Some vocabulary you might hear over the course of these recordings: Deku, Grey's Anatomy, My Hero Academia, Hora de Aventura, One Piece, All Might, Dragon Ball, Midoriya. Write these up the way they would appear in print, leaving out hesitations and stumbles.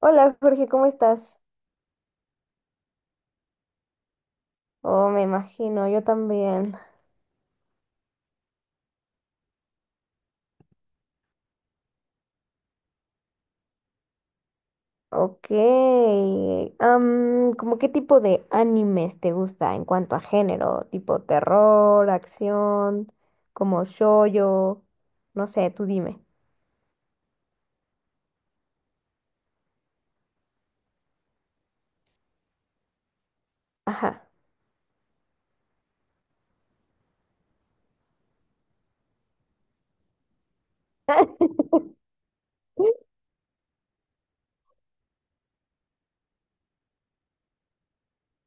Hola Jorge, ¿cómo estás? Oh, me imagino, yo también. Ok. ¿Cómo qué tipo de animes te gusta en cuanto a género? Tipo terror, acción, como shoujo, no sé, tú dime. Ajá.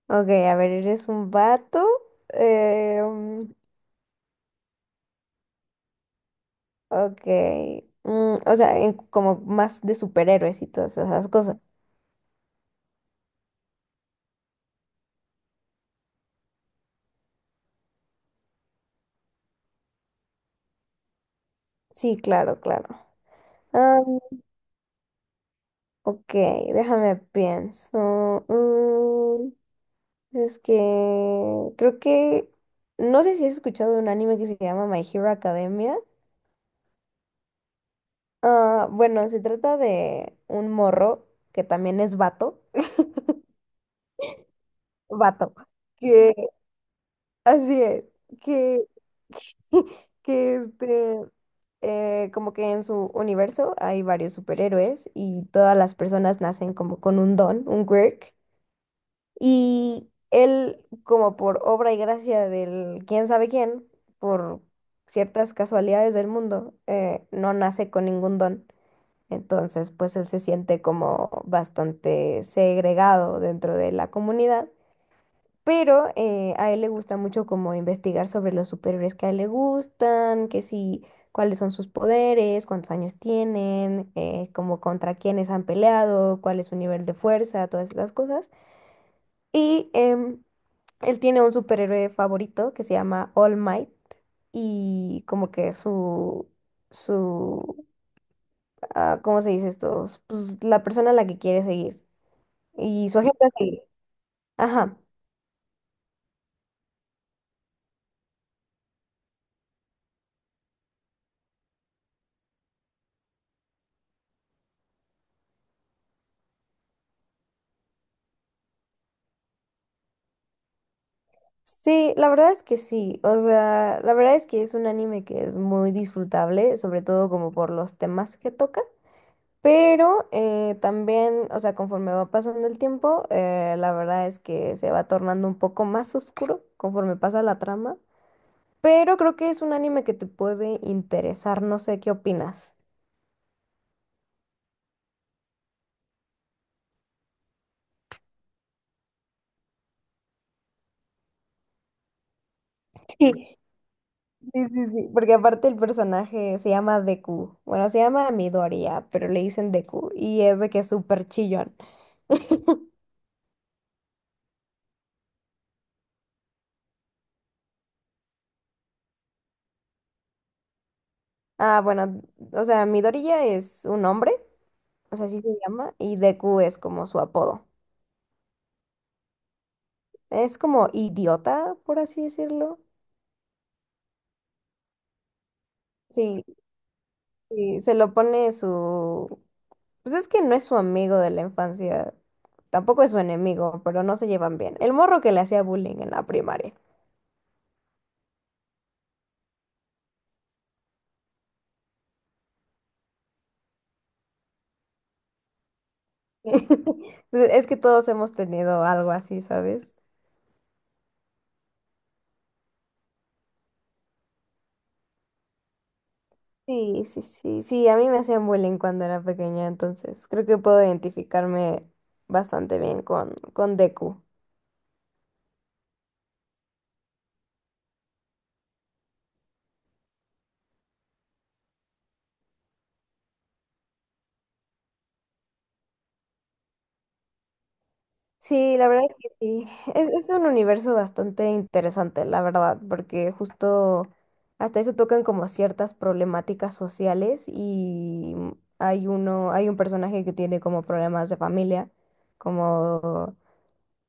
Ok, a ver, eres un vato. eh, mm, ok. O sea, como más de superhéroes y todas esas cosas. Sí, claro, claro. Ok, déjame pienso. Es que creo que no sé si has escuchado de un anime que se llama My Hero Academia. Ah, bueno, se trata de un morro que también es vato. Vato. Que así es. Que, que este. Como que en su universo hay varios superhéroes y todas las personas nacen como con un don, un quirk. Y él, como por obra y gracia del quién sabe quién, por ciertas casualidades del mundo, no nace con ningún don. Entonces, pues él se siente como bastante segregado dentro de la comunidad. Pero a él le gusta mucho como investigar sobre los superhéroes que a él le gustan, que si, cuáles son sus poderes, cuántos años tienen, como contra quiénes han peleado, cuál es su nivel de fuerza, todas las cosas. Y él tiene un superhéroe favorito que se llama All Might y como que su, ¿cómo se dice esto? Pues la persona a la que quiere seguir y su ejemplo a seguir. Ajá. Sí, la verdad es que sí. O sea, la verdad es que es un anime que es muy disfrutable, sobre todo como por los temas que toca. Pero también, o sea, conforme va pasando el tiempo, la verdad es que se va tornando un poco más oscuro conforme pasa la trama. Pero creo que es un anime que te puede interesar, no sé qué opinas. Sí, sí, sí, sí, porque aparte el personaje se llama Deku. Bueno, se llama Midoriya, pero le dicen Deku y es de que es súper chillón. Ah, bueno, o sea, Midoriya es un hombre, o sea, así se llama, y Deku es como su apodo. Es como idiota, por así decirlo. Sí, sí, se lo pone su... Pues es que no es su amigo de la infancia, tampoco es su enemigo, pero no se llevan bien. El morro que le hacía bullying en la primaria. Pues es que todos hemos tenido algo así, ¿sabes? Sí, sí, sí, sí, a mí me hacían bullying cuando era pequeña, entonces creo que puedo identificarme bastante bien con Deku. Sí, la verdad es que sí. Es un universo bastante interesante, la verdad, porque justo hasta eso tocan como ciertas problemáticas sociales y hay uno, hay un personaje que tiene como problemas de familia, como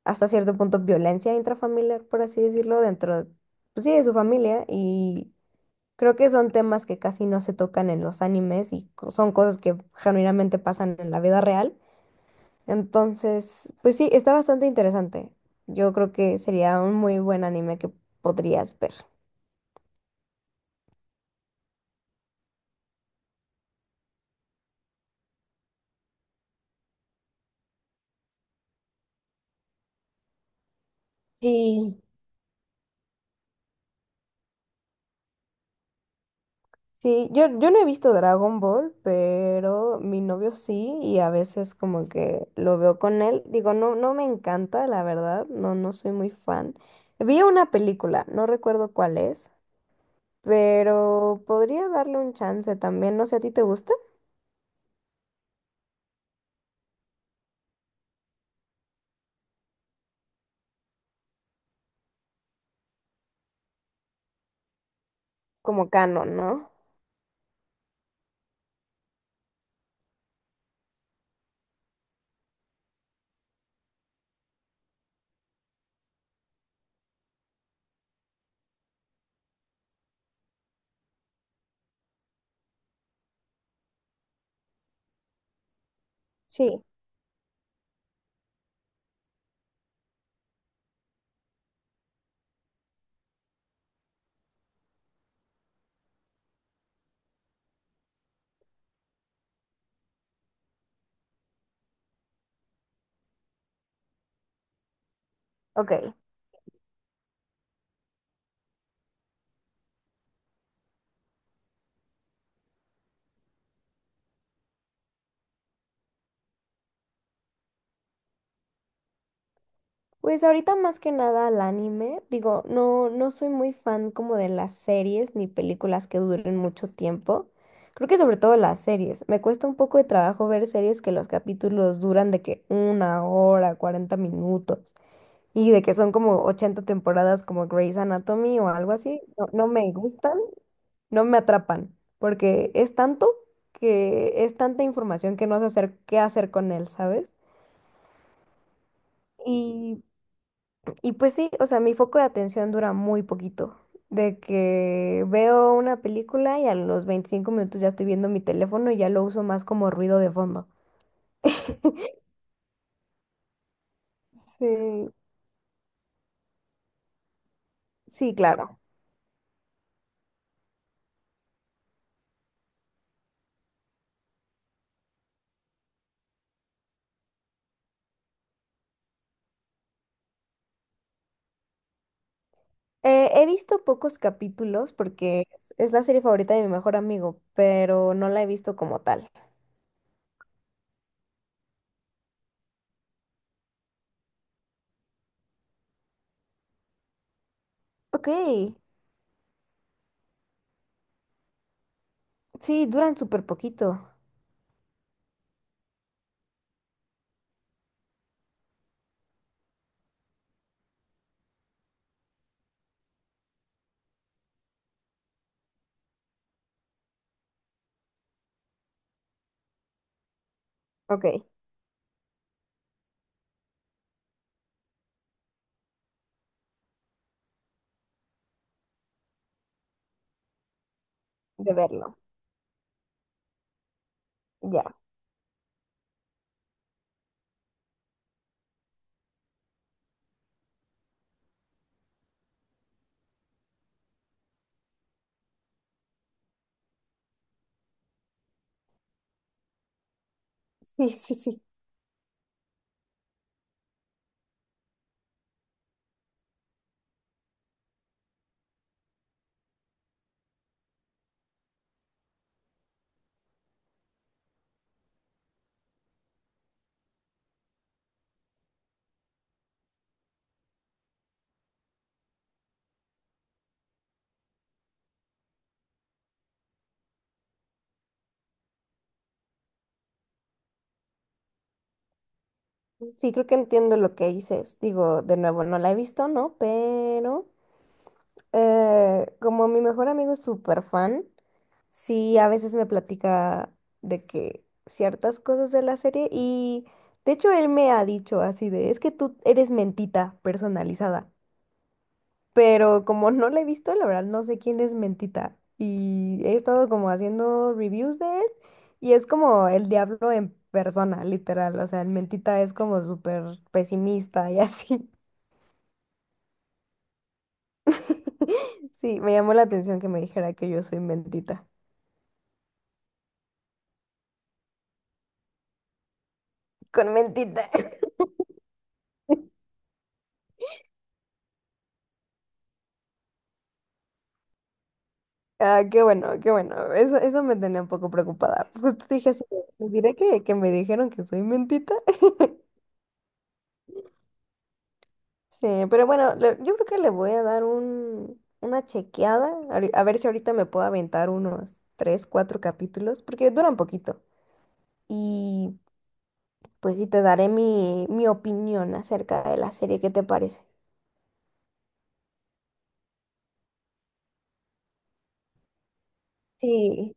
hasta cierto punto violencia intrafamiliar, por así decirlo, dentro, pues sí, de su familia y creo que son temas que casi no se tocan en los animes y son cosas que genuinamente pasan en la vida real. Entonces, pues sí, está bastante interesante. Yo creo que sería un muy buen anime que podrías ver. Sí. Sí, yo no he visto Dragon Ball, pero mi novio sí, y a veces como que lo veo con él. Digo, no, no me encanta, la verdad, no, no soy muy fan. Vi una película, no recuerdo cuál es, pero podría darle un chance también. No sé, ¿a ti te gusta? Como canon, ¿no? Sí. Ok. Pues ahorita más que nada al anime, digo, no, no soy muy fan como de las series ni películas que duren mucho tiempo. Creo que sobre todo las series. Me cuesta un poco de trabajo ver series que los capítulos duran de que una hora, 40 minutos y de que son como 80 temporadas como Grey's Anatomy o algo así. No, no me gustan, no me atrapan, porque es tanto que es tanta información que no sé hacer qué hacer con él, ¿sabes? Y Y pues sí, o sea, mi foco de atención dura muy poquito. De que veo una película y a los 25 minutos ya estoy viendo mi teléfono y ya lo uso más como ruido de fondo. Sí, sí, claro. He visto pocos capítulos porque es la serie favorita de mi mejor amigo, pero no la he visto como tal. Ok, sí, duran súper poquito. Ok, de verlo. Ya. Sí, sí, sí. Sí, creo que entiendo lo que dices. Digo, de nuevo, no la he visto, ¿no? Pero como mi mejor amigo es súper fan, sí, a veces me platica de que ciertas cosas de la serie y de hecho él me ha dicho así de, es que tú eres mentita personalizada, pero como no la he visto, la verdad no sé quién es mentita y he estado como haciendo reviews de él y es como el diablo en persona, literal, o sea, el mentita es como súper pesimista y así. Sí, me llamó la atención que me dijera que yo soy mentita. Con mentita. Ah, qué bueno, qué bueno. Eso me tenía un poco preocupada. Justo dije así, de, ¿les diré que me dijeron que soy mentita? Sí, pero bueno, yo creo que le voy a dar un, una chequeada, a ver si ahorita me puedo aventar unos tres, cuatro capítulos, porque duran poquito. Y pues sí, te daré mi opinión acerca de la serie, ¿qué te parece? Sí,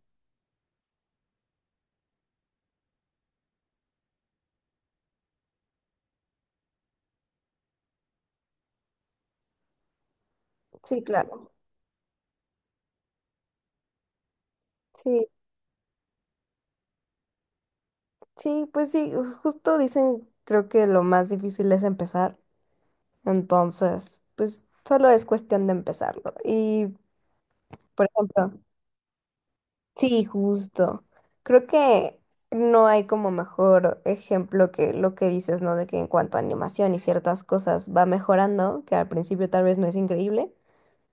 sí, claro. Sí, sí, pues sí, justo dicen, creo que lo más difícil es empezar. Entonces, pues solo es cuestión de empezarlo. Y, por ejemplo, sí, justo. Creo que no hay como mejor ejemplo que lo que dices, ¿no? De que en cuanto a animación y ciertas cosas va mejorando, que al principio tal vez no es increíble,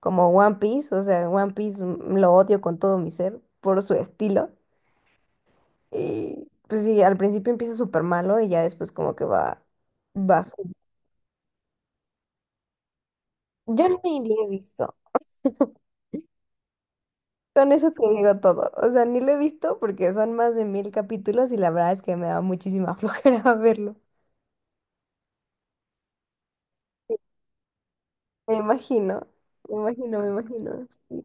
como One Piece, o sea, One Piece lo odio con todo mi ser por su estilo. Y pues sí, al principio empieza súper malo y ya después como que va, va. Yo no ni lo he visto. Con eso te digo todo. O sea, ni lo he visto porque son más de 1000 capítulos y la verdad es que me da muchísima flojera verlo. Sí, me imagino, me imagino, me imagino. Sí.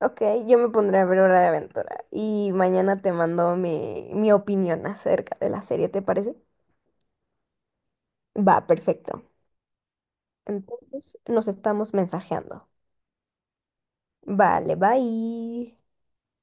Ok, yo me pondré a ver Hora de Aventura y mañana te mando mi opinión acerca de la serie, ¿te parece? Va, perfecto. Entonces, nos estamos mensajeando. Vale, bye.